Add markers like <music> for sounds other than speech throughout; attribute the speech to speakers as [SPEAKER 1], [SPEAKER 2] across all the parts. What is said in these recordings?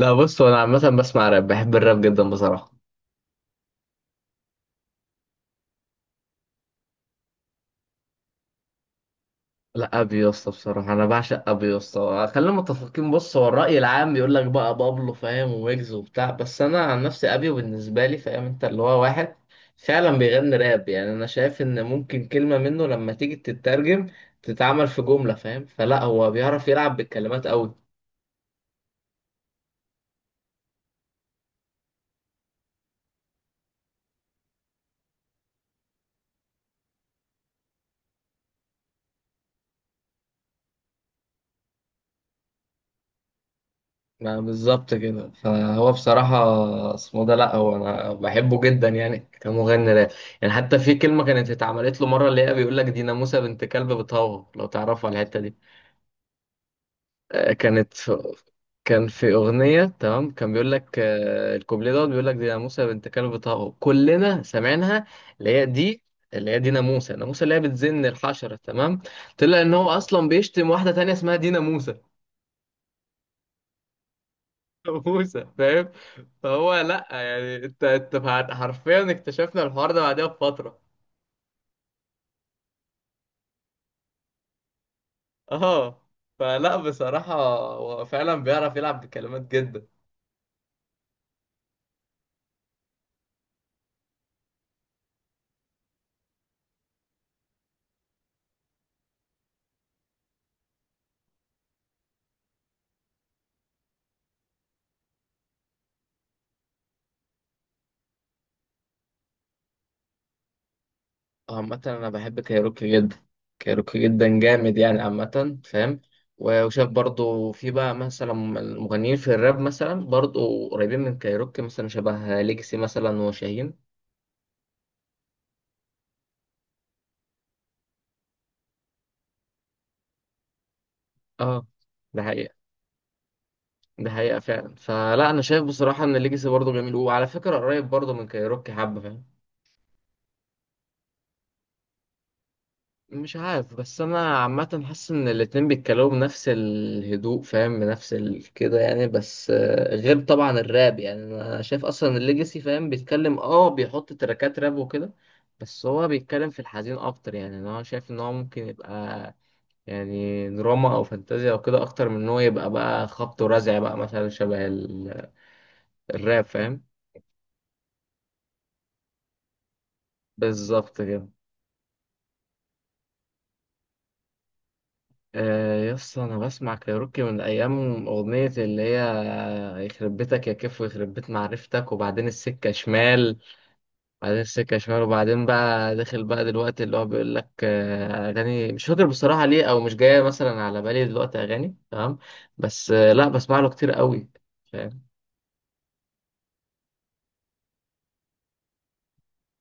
[SPEAKER 1] لا بص، هو انا عامه بسمع راب، بحب الراب جدا بصراحه. لا ابي يا اسطى بصراحه، انا بعشق ابي يا اسطى، خلينا متفقين. بص هو الراي العام بيقول لك بقى بابلو فاهم ويجز وبتاع، بس انا عن نفسي ابي بالنسبه لي، فاهم؟ انت اللي هو واحد فعلا بيغني راب. يعني انا شايف ان ممكن كلمه منه لما تيجي تترجم تتعمل في جمله، فاهم؟ فلا هو بيعرف يلعب بالكلمات قوي. ما بالظبط كده. فهو بصراحة اسمه ده لأ، هو أنا بحبه جدا يعني كمغني راب. يعني حتى في كلمة كانت اتعملت له مرة اللي هي بيقول لك دي ناموسة بنت كلب بتهوه، لو تعرفوا على الحتة دي. آه، كانت في- كان في أغنية تمام، كان بيقول لك الكوبليه دوت بيقول لك دي ناموسة بنت كلب بتهوه، كلنا سمعناها. اللي هي دي اللي هي دي ناموسة، ناموسة اللي هي بتزن الحشرة تمام. طلع إن هو أصلا بيشتم واحدة تانية اسمها دي ناموسة. <laughs> ناموسة، فاهم؟ فهو لا، يعني حرفيا اكتشفنا الحوار ده بعدها بفترة. اه. فلا بصراحة هو فعلا بيعرف يلعب بكلمات جدا. عامة أنا بحب كايروكي جدا، كايروكي جدا جامد يعني عامة، فاهم؟ و- وشايف برضو في بقى مثلا المغنيين في الراب مثلا برضو قريبين من كايروكي، مثلا شبه ليجسي مثلا وشاهين. اه، ده حقيقة. ده حقيقة فعلا. فلا أنا شايف بصراحة إن ليجسي برضو جميل، وعلى فكرة قريب برضو من كايروكي حبة، فاهم؟ مش عارف، بس انا عامه حاسس ان الاتنين بيتكلموا بنفس الهدوء، فاهم؟ بنفس كده يعني، بس غير طبعا الراب. يعني انا شايف اصلا الليجاسي فاهم بيتكلم، اه بيحط تراكات راب وكده، بس هو بيتكلم في الحزين اكتر. يعني انا شايف ان هو ممكن يبقى يعني دراما او فانتازيا او كده، اكتر من ان هو يبقى بقى خبط ورزع بقى مثلا شبه الراب، فاهم؟ بالظبط كده. يس انا بسمع كايروكي من ايام اغنيه اللي هي يخرب بيتك يا كيف، ويخرب بيت معرفتك، وبعدين السكه شمال. بعدين السكه شمال، وبعدين بقى داخل بقى دلوقتي اللي هو بيقول لك اغاني مش فاكر بصراحه ليه، او مش جايه مثلا على بالي دلوقتي اغاني تمام. بس لا بسمع له كتير قوي، فاهم؟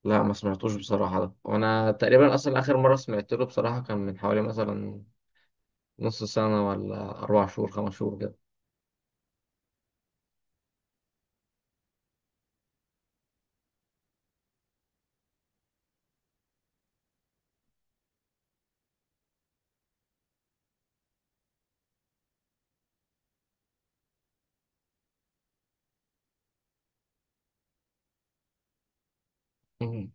[SPEAKER 1] لا ما سمعتوش بصراحه ده، وانا تقريبا اصلا اخر مره سمعت له بصراحه كان من حوالي مثلا نص سنه ولا اربع شهور خمس شهور كده.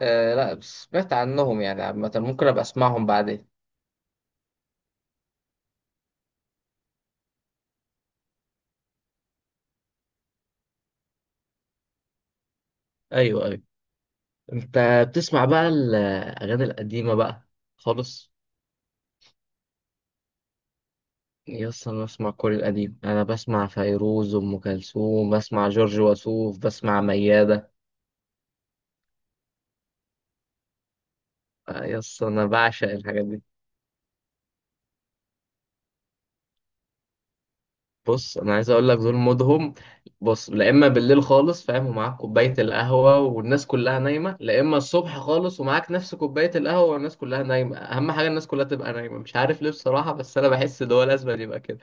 [SPEAKER 1] آه لا، بس سمعت عنهم يعني، عامة ممكن أبقى أسمعهم بعدين. ايوه ايوه. انت بتسمع بقى الاغاني القديمه بقى خالص؟ يس، أنا بسمع كل القديم، أنا بسمع فيروز، أم كلثوم، بسمع جورج وسوف، بسمع ميادة. يس أنا بعشق الحاجات دي. بص انا عايز اقول لك دول مودهم. بص، لا اما بالليل خالص، فاهم؟ ومعاك كوبايه القهوه والناس كلها نايمه، لا اما الصبح خالص ومعاك نفس كوبايه القهوه والناس كلها نايمه. اهم حاجه الناس كلها تبقى نايمه، مش عارف ليه بصراحه، بس انا بحس ان هو لازم يبقى كده.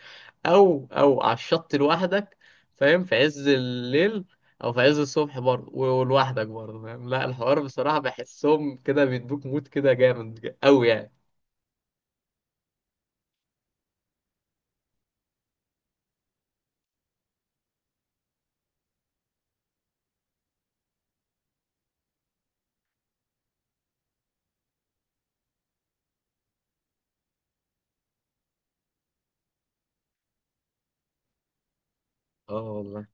[SPEAKER 1] او على الشط لوحدك، فاهم؟ في عز الليل او في عز الصبح برضه، و- ولوحدك برضه، فاهم؟ لا الحوار بصراحه بحسهم كده بيدوك مود كده جامد قوي يعني. اه والله.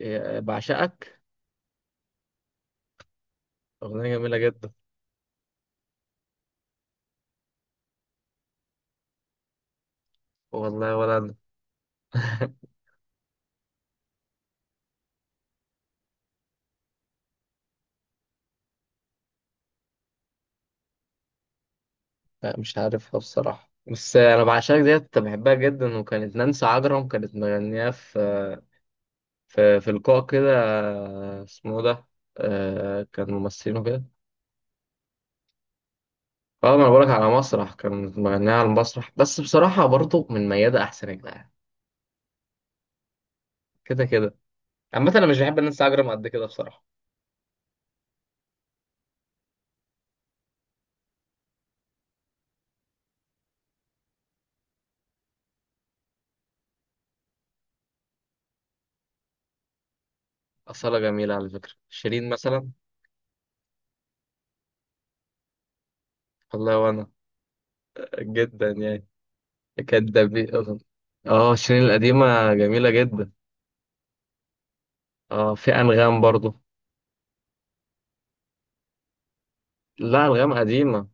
[SPEAKER 1] بعشقك، اغنيه جميله جدا. والله ولا انا. <laughs> لا مش عارفها بصراحة، بس أنا بعشقك ديت كنت بحبها جدا، وكانت نانسي عجرم كانت مغنية في في لقاء كده، اسمه إيه ده؟ كان ممثلين وكده. اه ما انا بقولك على مسرح، كانت مغنية على المسرح. بس بصراحة برضه من ميادة أحسن يا جدعان. كده كده، عامة أنا مش بحب نانسي عجرم قد كده بصراحة. أصالة جميلة على فكرة، شيرين مثلا. والله وأنا، جدا يعني. كدابين، اه شيرين القديمة جميلة جدا. اه في أنغام برضه. لا أنغام قديمة،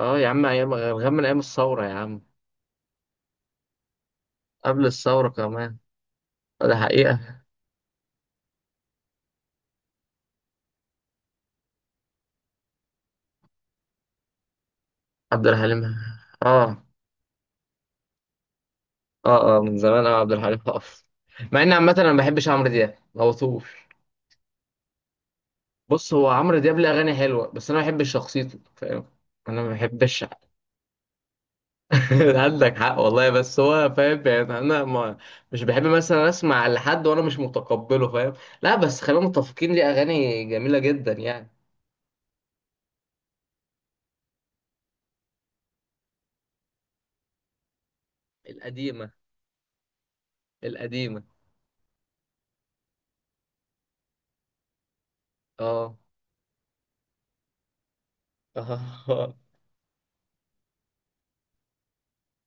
[SPEAKER 1] اه يا عم ايام غير، من ايام الثوره يا عم. قبل الثوره كمان. ده حقيقه. عبد الحليم. اه اه، اه من زمان، اه عبد الحليم حافظ. مع ان عامه انا ما بحبش عمرو دياب، ما بطوش. بص هو عمرو دياب ليه اغاني حلوه، بس انا ما بحبش شخصيته، فاهم؟ انا ما بحبش. <laughs> عندك حق والله، بس هو فاهم، يعني انا ما مش بحب مثلا اسمع لحد وانا مش متقبله، فاهم؟ لا بس خلينا متفقين، ليه اغاني جميله جدا يعني. القديمه، القديمه. اه. <laughs>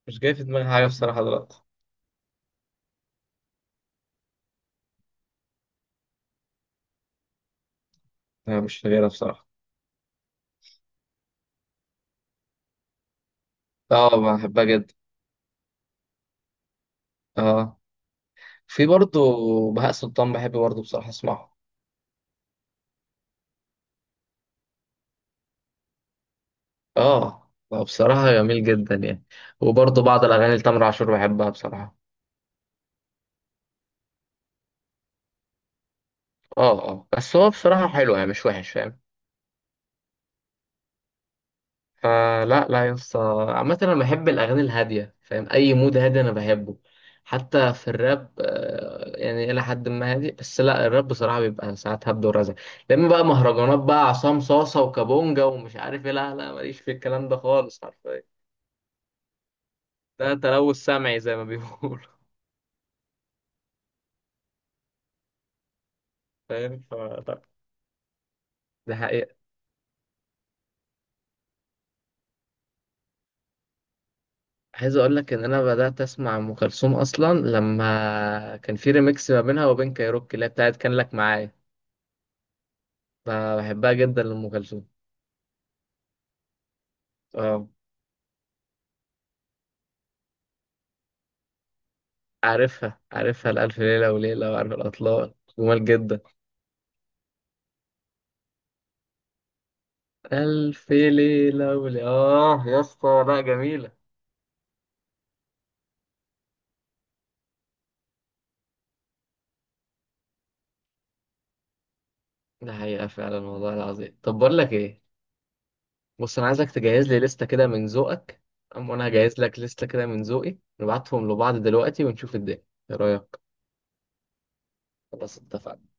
[SPEAKER 1] مش جاي في دماغي حاجة بصراحة دلوقتي. لا مش فاكرها بصراحة. اه بحبها جدا. اه في برضو بهاء سلطان بحب برضو بصراحة اسمعه. اه. بصراحة جميل جدا يعني. وبرضو بعض الأغاني لتامر عاشور بحبها بصراحة. اه اه بس هو بصراحة حلو يعني مش وحش، فاهم؟ فلا لا يا اسطى. عامة انا بحب الاغاني الهادية، فاهم؟ اي مود هادي انا بحبه. حتى في الراب يعني الى حد ما هادي، بس لا الراب بصراحة بيبقى ساعات هبد ورزع. لما بقى مهرجانات بقى عصام صاصة وكابونجا ومش عارف ايه، لا لا ماليش في الكلام ده خالص حرفيا. ده تلوث سمعي زي ما بيقولوا. <laughs> فاهم؟ فلا ده حقيقة. عايز اقول لك ان انا بدأت اسمع ام كلثوم اصلا لما كان في ريميكس ما بينها وبين كايروكي اللي هي بتاعت كان لك معايا. ب- بحبها جدا لام كلثوم. اه عارفها، عارفها الألف ليلة وليلة، وعارف الأطلال، جمال جدا. ألف ليلة وليلة آه يا اسطى، لا جميلة. ده حقيقة فعلا والله العظيم. طب بقول لك إيه، بص أنا عايزك تجهز لي لستة كده من ذوقك، أما أنا هجهز لك لستة كده من ذوقي، نبعتهم لبعض دلوقتي ونشوف الدنيا. إيه رأيك؟ خلاص اتفقنا.